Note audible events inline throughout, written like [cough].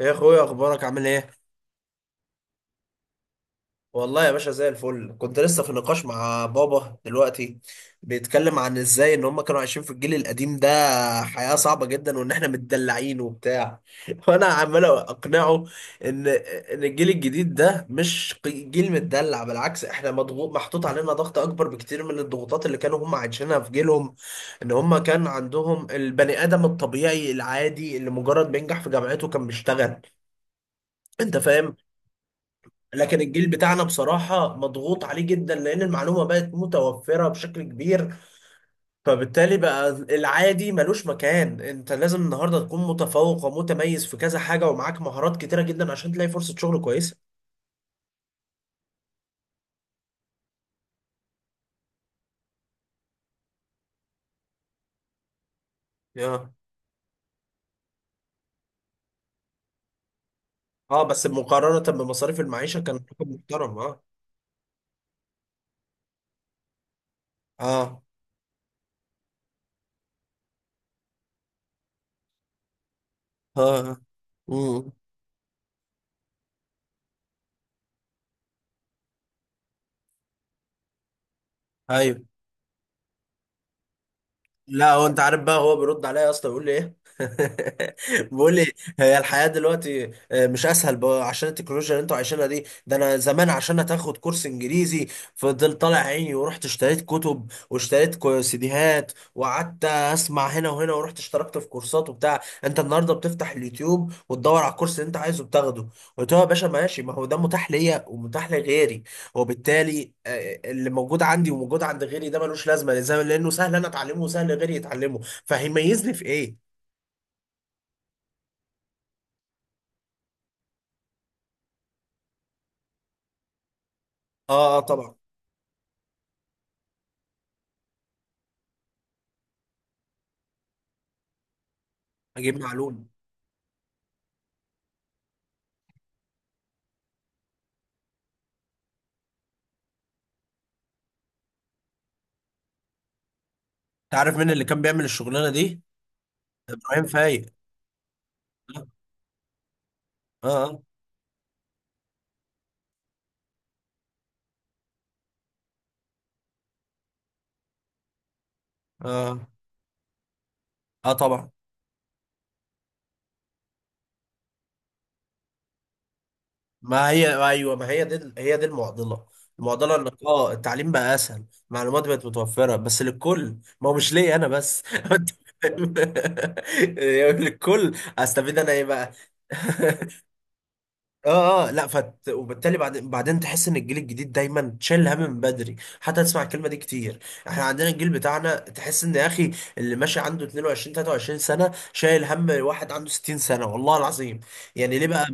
يا اخويا، اخبارك عامل ايه؟ والله يا باشا، زي الفل. كنت لسه في نقاش مع بابا دلوقتي، بيتكلم عن ازاي ان هم كانوا عايشين في الجيل القديم ده، حياة صعبة جدا، وان احنا متدلعين وبتاع. [laughs] وانا عمال اقنعه ان الجيل الجديد ده مش جيل متدلع. بالعكس، احنا مضغوط، محطوط علينا ضغط اكبر بكتير من الضغوطات اللي كانوا هم عايشينها في جيلهم. ان هم كان عندهم البني ادم الطبيعي العادي اللي مجرد بينجح في جامعته كان بيشتغل. انت فاهم؟ لكن الجيل بتاعنا، بصراحة، مضغوط عليه جدا، لأن المعلومة بقت متوفرة بشكل كبير. فبالتالي بقى العادي ملوش مكان. أنت لازم النهاردة تكون متفوق ومتميز في كذا حاجة، ومعاك مهارات كتيرة جدا عشان تلاقي فرصة شغل كويسة. اه، اه، بس مقارنة بمصاريف المعيشة كان رقم محترم. اه. اه، اه، امم، ايوه. لا، هو انت عارف بقى، هو بيرد عليا يا اسطى، بيقول لي ايه؟ [laughs] بيقول لي: هي الحياه دلوقتي مش اسهل بقى عشان التكنولوجيا اللي انتوا عايشينها دي؟ ده انا زمان عشان هتاخد كورس انجليزي، فضلت طالع عيني، ورحت اشتريت كتب، واشتريت سيديهات، وقعدت اسمع هنا وهنا، ورحت اشتركت في كورسات وبتاع. انت النهارده بتفتح اليوتيوب وتدور على الكورس اللي انت عايزه، بتاخده. قلت له: يا باشا ماشي، ما هو ده متاح ليا ومتاح لغيري، وبالتالي اللي موجود عندي وموجود عند غيري ده ملوش لازمه لانه سهل انا اتعلمه وسهل غيري يتعلمه، فهيميزني في ايه؟ اه، اه، طبعا اجيب معلومه. انت عارف مين اللي كان بيعمل الشغلانه دي؟ ابراهيم فايق. اه، اه، اه، اه، آه، طبعا. ما هي ايوه، ما هي دي هي دي المعضله. المعضله انك التعليم بقى اسهل، معلومات بقت متوفره بس للكل، ما هو مش ليا انا بس. [laughs] انت فاهم؟ [laughs] للكل، استفيد انا ايه بقى؟ [laughs] اه، اه، لا فت... وبالتالي بعدين تحس ان الجيل الجديد دايما شايل هم من بدري، حتى تسمع الكلمه دي كتير. احنا عندنا الجيل بتاعنا، تحس ان يا اخي اللي ماشي عنده 22 23 سنه شايل هم واحد عنده 60 سنه، والله العظيم. يعني ليه بقى؟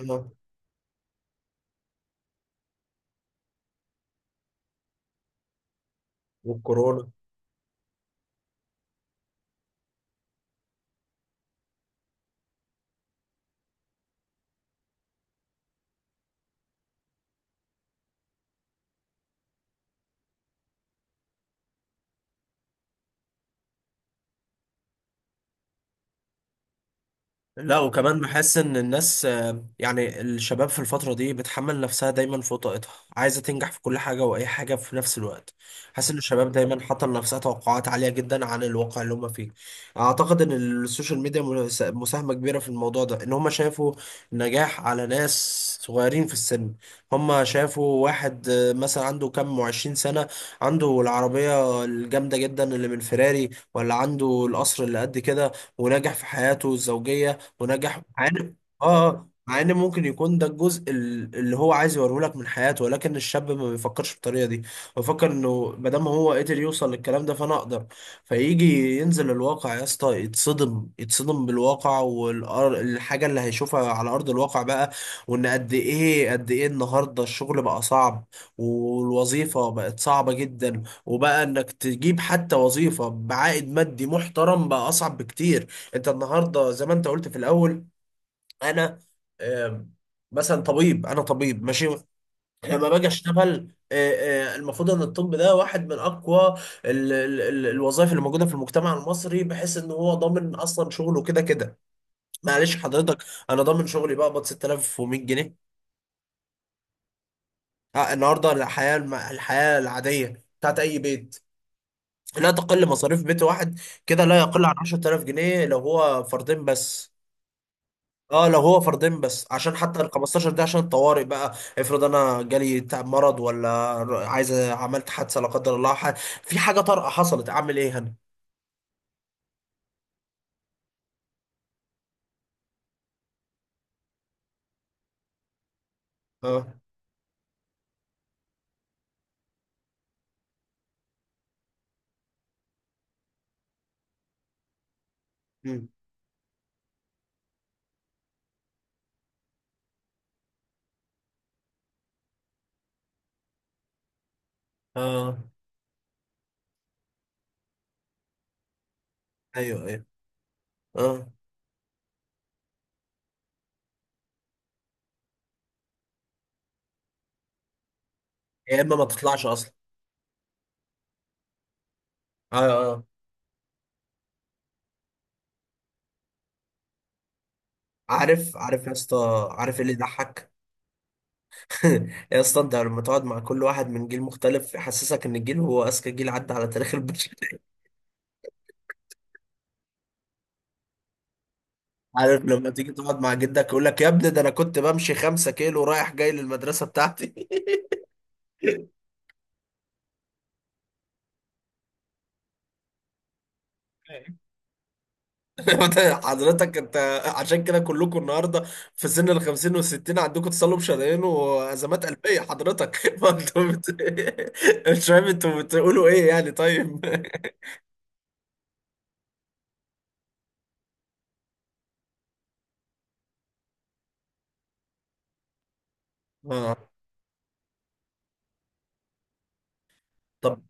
آه، والكورونا. لا، وكمان بحس ان الناس، يعني الشباب في الفترة دي بتحمل نفسها دايما فوق طاقتها، عايزة تنجح في كل حاجة واي حاجة في نفس الوقت. حاسس ان الشباب دايما حاطة لنفسها توقعات عالية جدا عن الواقع اللي هم فيه. اعتقد ان السوشيال ميديا مساهمة كبيرة في الموضوع ده، ان هم شافوا نجاح على ناس صغيرين في السن. هم شافوا واحد مثلا عنده كام وعشرين سنة، عنده العربية الجامدة جدا اللي من فيراري، ولا عنده القصر اللي قد كده، ونجح في حياته الزوجية، ونجح، مع ان، مع ان ممكن يكون ده الجزء اللي هو عايز يوريه لك من حياته، ولكن الشاب ما بيفكرش بالطريقه دي. بيفكر انه ما دام هو قدر يوصل للكلام ده، فانا اقدر. فيجي ينزل الواقع يا اسطى، يتصدم يتصدم بالواقع والحاجه اللي هيشوفها على ارض الواقع بقى. وان قد ايه قد ايه النهارده الشغل بقى صعب، والوظيفه بقت صعبه جدا، وبقى انك تجيب حتى وظيفة بعائد مادي محترم بقى اصعب بكتير. انت النهارده زي ما انت قلت في الاول، انا، آم، مثلا طبيب، انا طبيب ماشي. لما باجي اشتغل، المفروض ان الطب ده واحد من اقوى الوظائف اللي موجوده في المجتمع المصري، بحيث ان هو ضامن اصلا شغله كده كده. معلش حضرتك، انا ضامن شغلي بقبض 6100 جنيه. النهارده الحياه الحياه العاديه بتاعت اي بيت، لا تقل مصاريف بيت واحد كده لا يقل عن 10,000 جنيه لو هو فردين بس. اه، لو هو فردين بس، عشان حتى ال 15 ده عشان الطوارئ بقى، افرض انا جالي تعب، مرض، ولا عايز، عملت حادثه لا قدر الله، في حاجه طارئه حصلت، اعمل ايه هنا؟ اه. مم. اه، ايوه، ايوه، اه. يا اما ما تطلعش اصلا. اه، اه، عارف عارف يا اسطى، عارف ايه اللي يضحك؟ [laughs] يا اسطى، انت لما تقعد مع كل واحد من جيل مختلف، يحسسك ان الجيل هو اذكى جيل عدى على تاريخ البشر. [laughs] عارف لما تيجي تقعد مع جدك، يقول لك: يا ابني، ده انا كنت بمشي 5 كيلو رايح جاي للمدرسه بتاعتي. [laughs] [laughs] انت حضرتك، انت عشان كده كلكم النهارده في سن ال 50 وال 60 عندكم تصلب شرايين وازمات قلبيه حضرتك. [laughs] مش فاهم انتوا بتقولوا ايه يعني، طيب. اه. طب،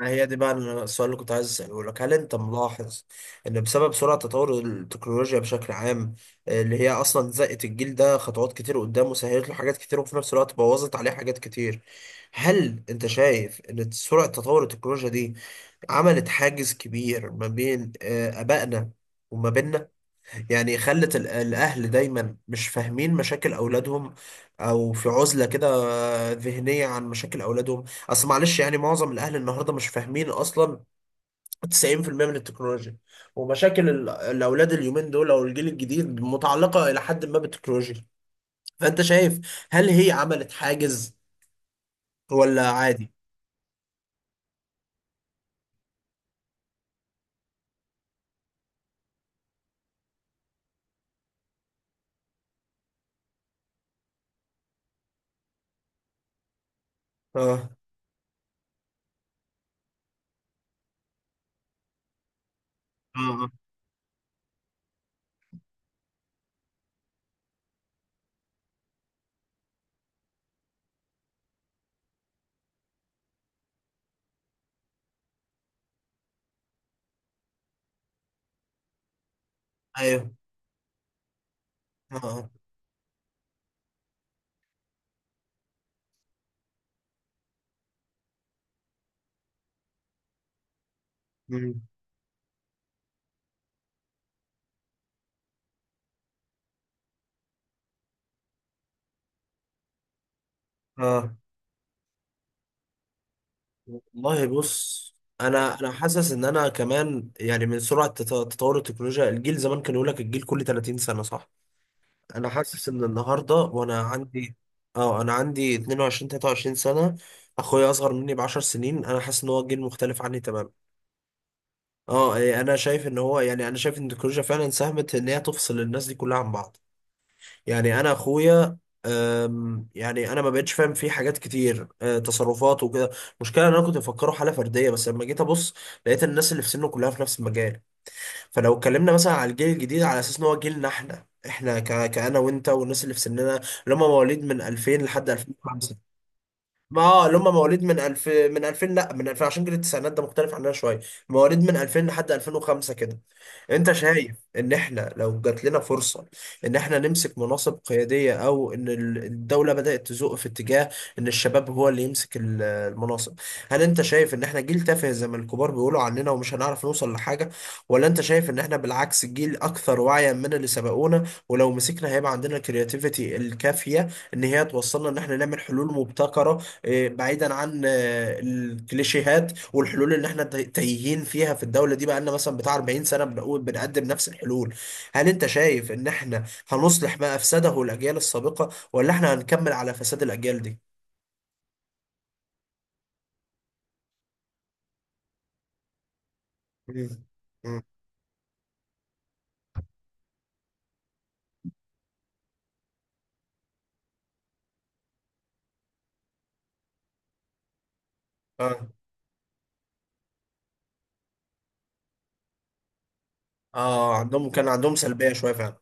ما هي دي بقى السؤال اللي كنت عايز اساله لك، هل انت ملاحظ ان بسبب سرعه تطور التكنولوجيا بشكل عام، اللي هي اصلا زقت الجيل ده خطوات كتير قدام، وسهلت له حاجات كتير، وفي نفس الوقت بوظت عليه حاجات كتير، هل انت شايف ان سرعه تطور التكنولوجيا دي عملت حاجز كبير ما بين آبائنا وما بيننا؟ يعني خلت الأهل دايما مش فاهمين مشاكل أولادهم، أو في عزلة كده ذهنية عن مشاكل أولادهم. أصل معلش يعني، معظم الأهل النهاردة مش فاهمين أصلا 90% من التكنولوجيا، ومشاكل الأولاد اليومين دول، أو الجيل الجديد، متعلقة إلى حد ما بالتكنولوجيا. فأنت شايف، هل هي عملت حاجز ولا عادي؟ آه، آه، آه. أيوه، آه، آه، مم. آه، والله بص، انا حاسس ان انا كمان يعني، من سرعه تطور التكنولوجيا، الجيل زمان كان يقول لك: الجيل كل 30 سنه، صح؟ انا حاسس ان النهارده وانا عندي، اه، انا عندي 22 23 سنه، اخويا اصغر مني ب 10 سنين، انا حاسس ان هو جيل مختلف عني تماما. اه، انا شايف ان هو يعني، انا شايف ان التكنولوجيا فعلا ساهمت ان هي تفصل الناس دي كلها عن بعض. يعني انا اخويا، يعني انا ما بقتش فاهم فيه حاجات كتير، تصرفات وكده. المشكله ان انا كنت مفكره حاله فرديه، بس لما جيت ابص لقيت الناس اللي في سنه كلها في نفس المجال. فلو اتكلمنا مثلا على الجيل الجديد على اساس ان هو جيلنا احنا، كانا وانت والناس اللي في سننا، اللي هم مواليد من 2000 لحد 2005، ما اللي هم مواليد من 2000، من 2000، لا، من 2000، عشان جيل التسعينات ده مختلف عننا شويه. مواليد من 2000 لحد 2005 كده. انت شايف ان احنا لو جات لنا فرصة ان احنا نمسك مناصب قيادية، او ان الدولة بدأت تزق في اتجاه ان الشباب هو اللي يمسك المناصب، هل انت شايف ان احنا جيل تافه زي ما الكبار بيقولوا عننا ومش هنعرف نوصل لحاجة؟ ولا انت شايف ان احنا بالعكس جيل اكثر وعيا من اللي سبقونا، ولو مسكنا هيبقى عندنا الكرياتيفيتي الكافية ان هي توصلنا ان احنا نعمل حلول مبتكرة، بعيدا عن الكليشيهات والحلول اللي احنا تايهين فيها في الدولة دي بقالنا مثلا بتاع 40 سنة بنقول بنقدم نفس الحلول؟ هل انت شايف ان احنا هنصلح ما افسده الاجيال السابقة، ولا احنا هنكمل على فساد الاجيال دي؟ مم. مم. اه، اه، عندهم كان عندهم سلبية شوية فعلا.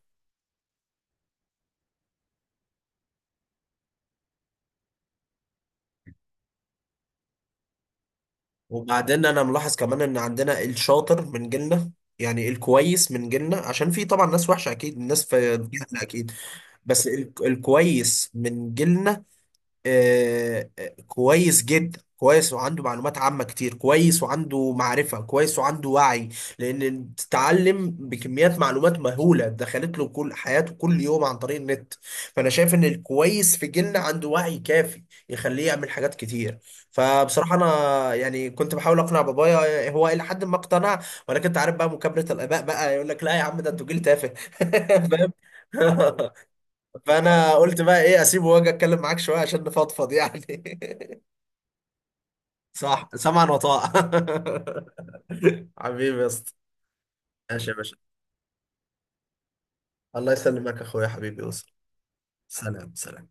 وبعدين انا ملاحظ كمان ان عندنا الشاطر من جيلنا، يعني الكويس من جيلنا، عشان في طبعا ناس وحشة اكيد، الناس في جيلنا اكيد، بس الكويس من جيلنا كويس جدا، كويس وعنده معلومات عامة كتير، كويس وعنده معرفة، كويس وعنده وعي. لأن تتعلم بكميات معلومات مهولة دخلت له كل حياته كل يوم عن طريق النت. فأنا شايف إن الكويس في جيلنا عنده وعي كافي يخليه يعمل حاجات كتير. فبصراحة أنا يعني كنت بحاول أقنع بابايا، هو إلى حد ما اقتنع، ولكن أنت عارف بقى مكابرة الآباء، بقى يقول لك: لا يا عم، ده أنتوا جيل تافه. [laughs] فاهم؟ [laughs] فانا قلت بقى ايه، اسيبه واجي اتكلم معاك شويه عشان نفضفض يعني. [laughs] صح، سمعا وطاعة. [laughs] حبيبي يا اسطى. ماشي يا باشا، الله يسلمك يا اخويا، حبيبي يوصل. سلام، سلام.